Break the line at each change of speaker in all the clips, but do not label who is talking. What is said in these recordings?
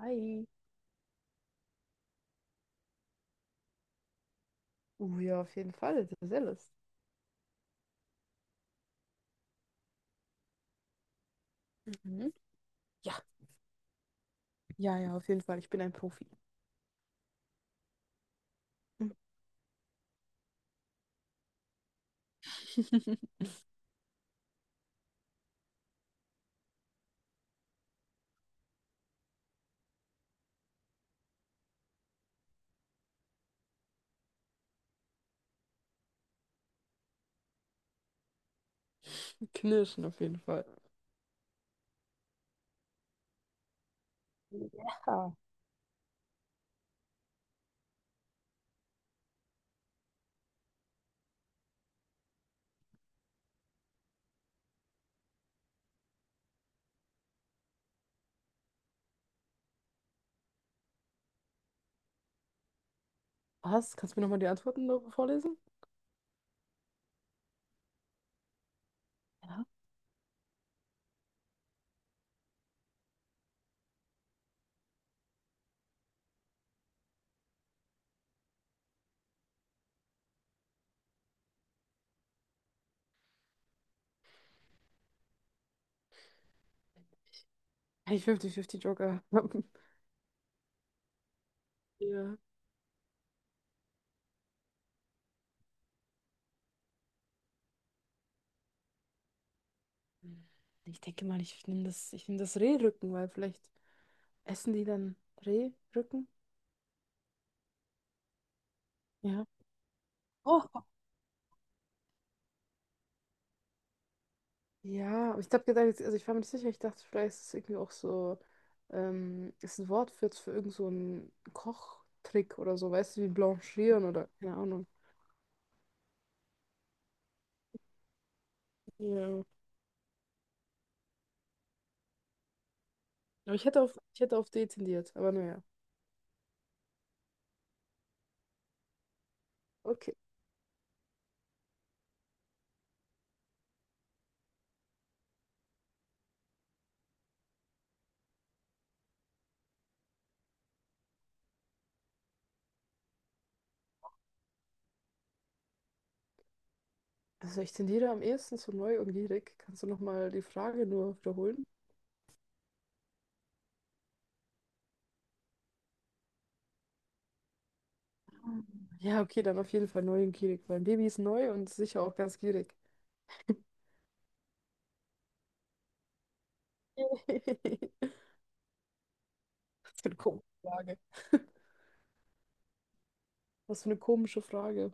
Hi. Ja, auf jeden Fall. Das sehr lustig. Mhm. Ja. Ja, ja, auf jeden Fall. Ich bin ein Profi. Knirschen auf jeden Fall. Ja. Was? Kannst du mir nochmal die Antworten noch vorlesen? Ja. Hey, 50-50 Joker. Ja. Ich denke mal, ich nehme das, ich nehm das Rehrücken, weil vielleicht essen die dann Rehrücken. Ja. Oh. Ja, aber ich habe gedacht, also ich war mir nicht sicher, ich dachte, vielleicht ist es irgendwie auch so, ist ein Wort für irgend so einen Kochtrick oder so, weißt du, wie blanchieren oder keine Ahnung. Ja. Aber ich hätte auf D tendiert, aber naja. Okay. Also ich tendiere am ehesten zu neu und gierig. Kannst du nochmal die Frage nur wiederholen? Ja, okay, dann auf jeden Fall neu und gierig, weil ein Baby ist neu und sicher auch ganz gierig. Was für eine komische Frage. Was für eine komische Frage.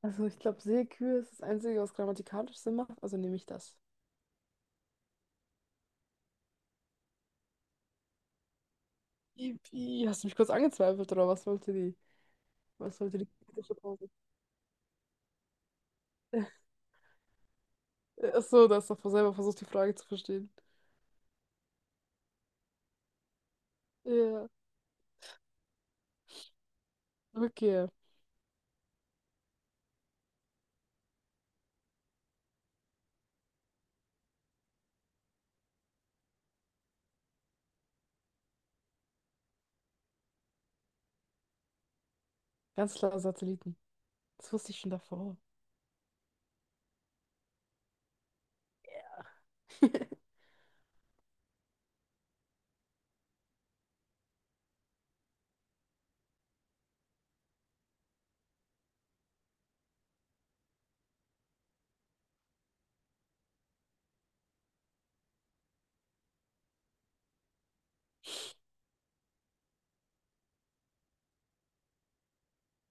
Also ich glaube, Seekühe ist das Einzige, was grammatikalisch Sinn macht, also nehme ich das. Ipi, hast du mich kurz angezweifelt, oder was wollte die? Was wollte die kritische Pause? Ach so, da hast du doch selber versucht, die Frage zu verstehen. Ja, okay. Ganz klar Satelliten. Das wusste ich schon davor.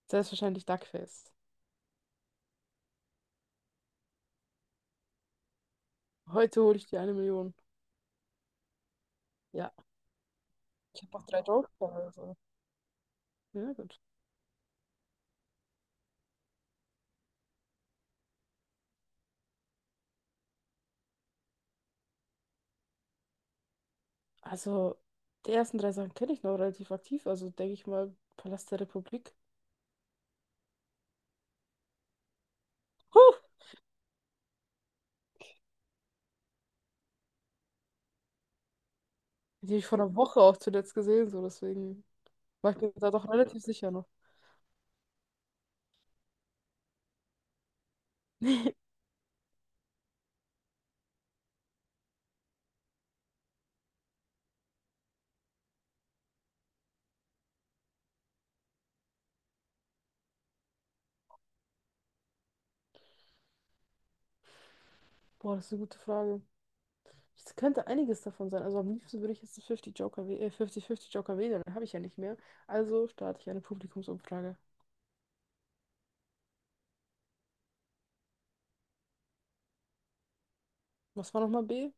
Selbstverständlich Duckface. Heute hole ich dir eine Million. Ja, ich habe noch drei Jokes da, also. Ja, gut. Also, die ersten drei Sachen kenne ich noch relativ aktiv. Also, denke ich mal, Palast der Republik. Huh! Die habe ich vor einer Woche auch zuletzt gesehen, so deswegen war ich mir da doch relativ sicher noch. Boah, das ist eine gute Frage. Es könnte einiges davon sein. Also am liebsten würde ich jetzt einen 50 Joker, 50-50 Joker wählen, den habe ich ja nicht mehr. Also starte ich eine Publikumsumfrage. Was war nochmal B?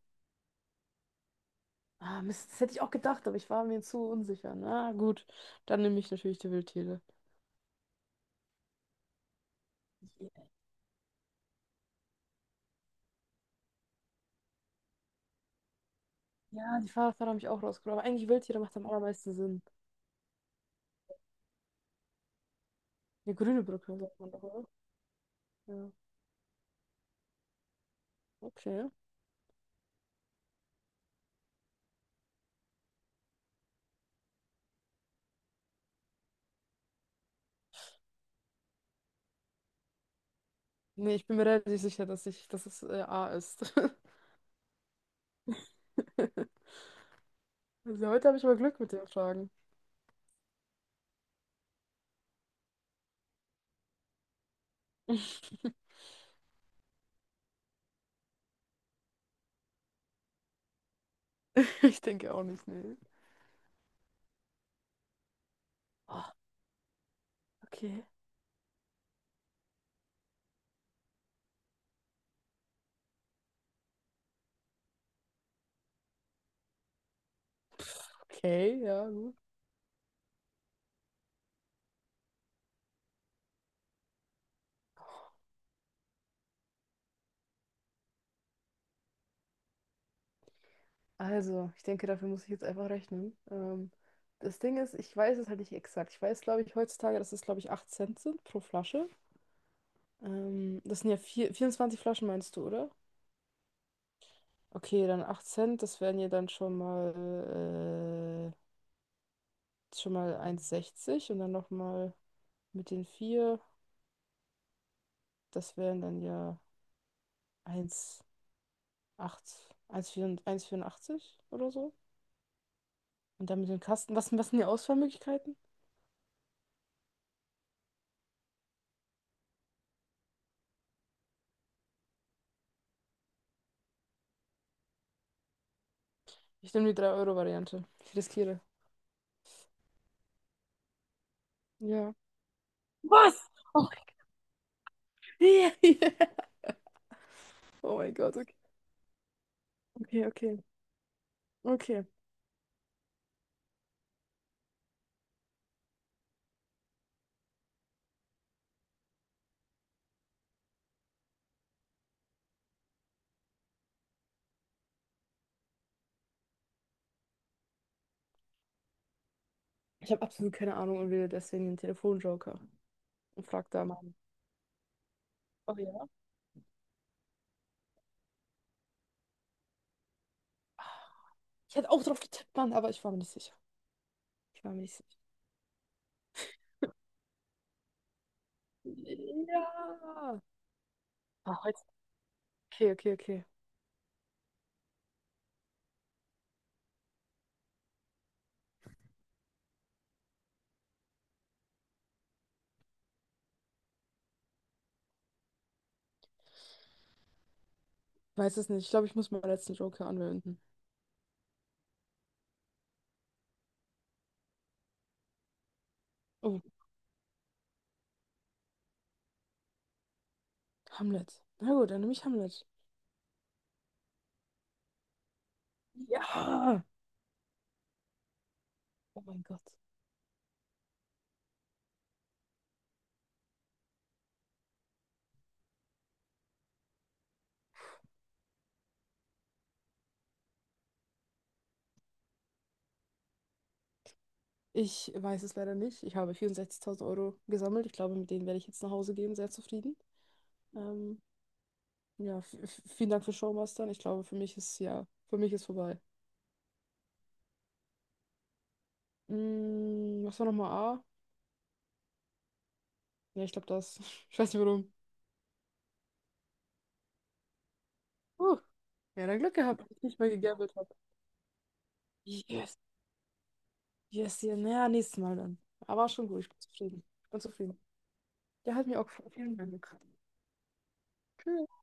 Ah, Mist, das hätte ich auch gedacht, aber ich war mir zu unsicher. Na gut, dann nehme ich natürlich die Wildtiere. Ja, die Fahrradfahrer haben mich auch rausgenommen. Aber eigentlich Wildtiere macht am allermeisten Sinn. Eine grüne Brücke, sagt man doch, oder? Ja. Okay. Nee, ich bin mir relativ sicher, dass es A ist. Also heute habe ich mal Glück mit den Fragen. Ich denke auch nicht, nee. Oh, okay. Okay, ja, gut. Also, ich denke, dafür muss ich jetzt einfach rechnen. Das Ding ist, ich weiß es halt nicht exakt. Ich weiß, glaube ich, heutzutage, dass es, glaube ich, 8 Cent sind pro Flasche. Das sind ja 24 Flaschen, meinst du, oder? Okay, dann 8 Cent, das wären ja dann schon mal eins Komma sechzig und dann nochmal mit den vier. Das wären dann ja 1,84 vierundachtzig oder so. Und dann mit dem Kasten. Was sind die Auswahlmöglichkeiten? Ich nehme die drei Euro Variante. Ich riskiere. Ja. Was? Okay. Oh mein Gott, okay. Okay, okay. Okay. Ich habe absolut keine Ahnung und wähle deswegen den Telefonjoker und frag da mal. Oh ja. Ich hätte auch drauf getippt, Mann, aber ich war mir nicht sicher. Ich war mir nicht sicher. Ja. Ah, heute. Okay, okay, okay. Weiß es nicht. Ich glaube, ich muss meinen letzten Joker anwenden. Oh, Hamlet. Na gut, dann nehme ich Hamlet. Ja. Oh mein Gott. Ich weiß es leider nicht. Ich habe 64.000 Euro gesammelt. Ich glaube, mit denen werde ich jetzt nach Hause gehen, sehr zufrieden. Ähm, ja, vielen Dank für Showmastern. Ich glaube, für mich ist vorbei. Was war nochmal A? Ja, ich glaube das. Ich weiß nicht warum. Huh. Ja, dann Glück gehabt, dass ich nicht mehr gegambelt habe. Yes, yes, ja. Naja, nächstes Mal dann. Aber schon gut, ich bin zufrieden. Ich bin zufrieden. Ja, hat mir auch gefallen. Vielen Dank. Tschüss.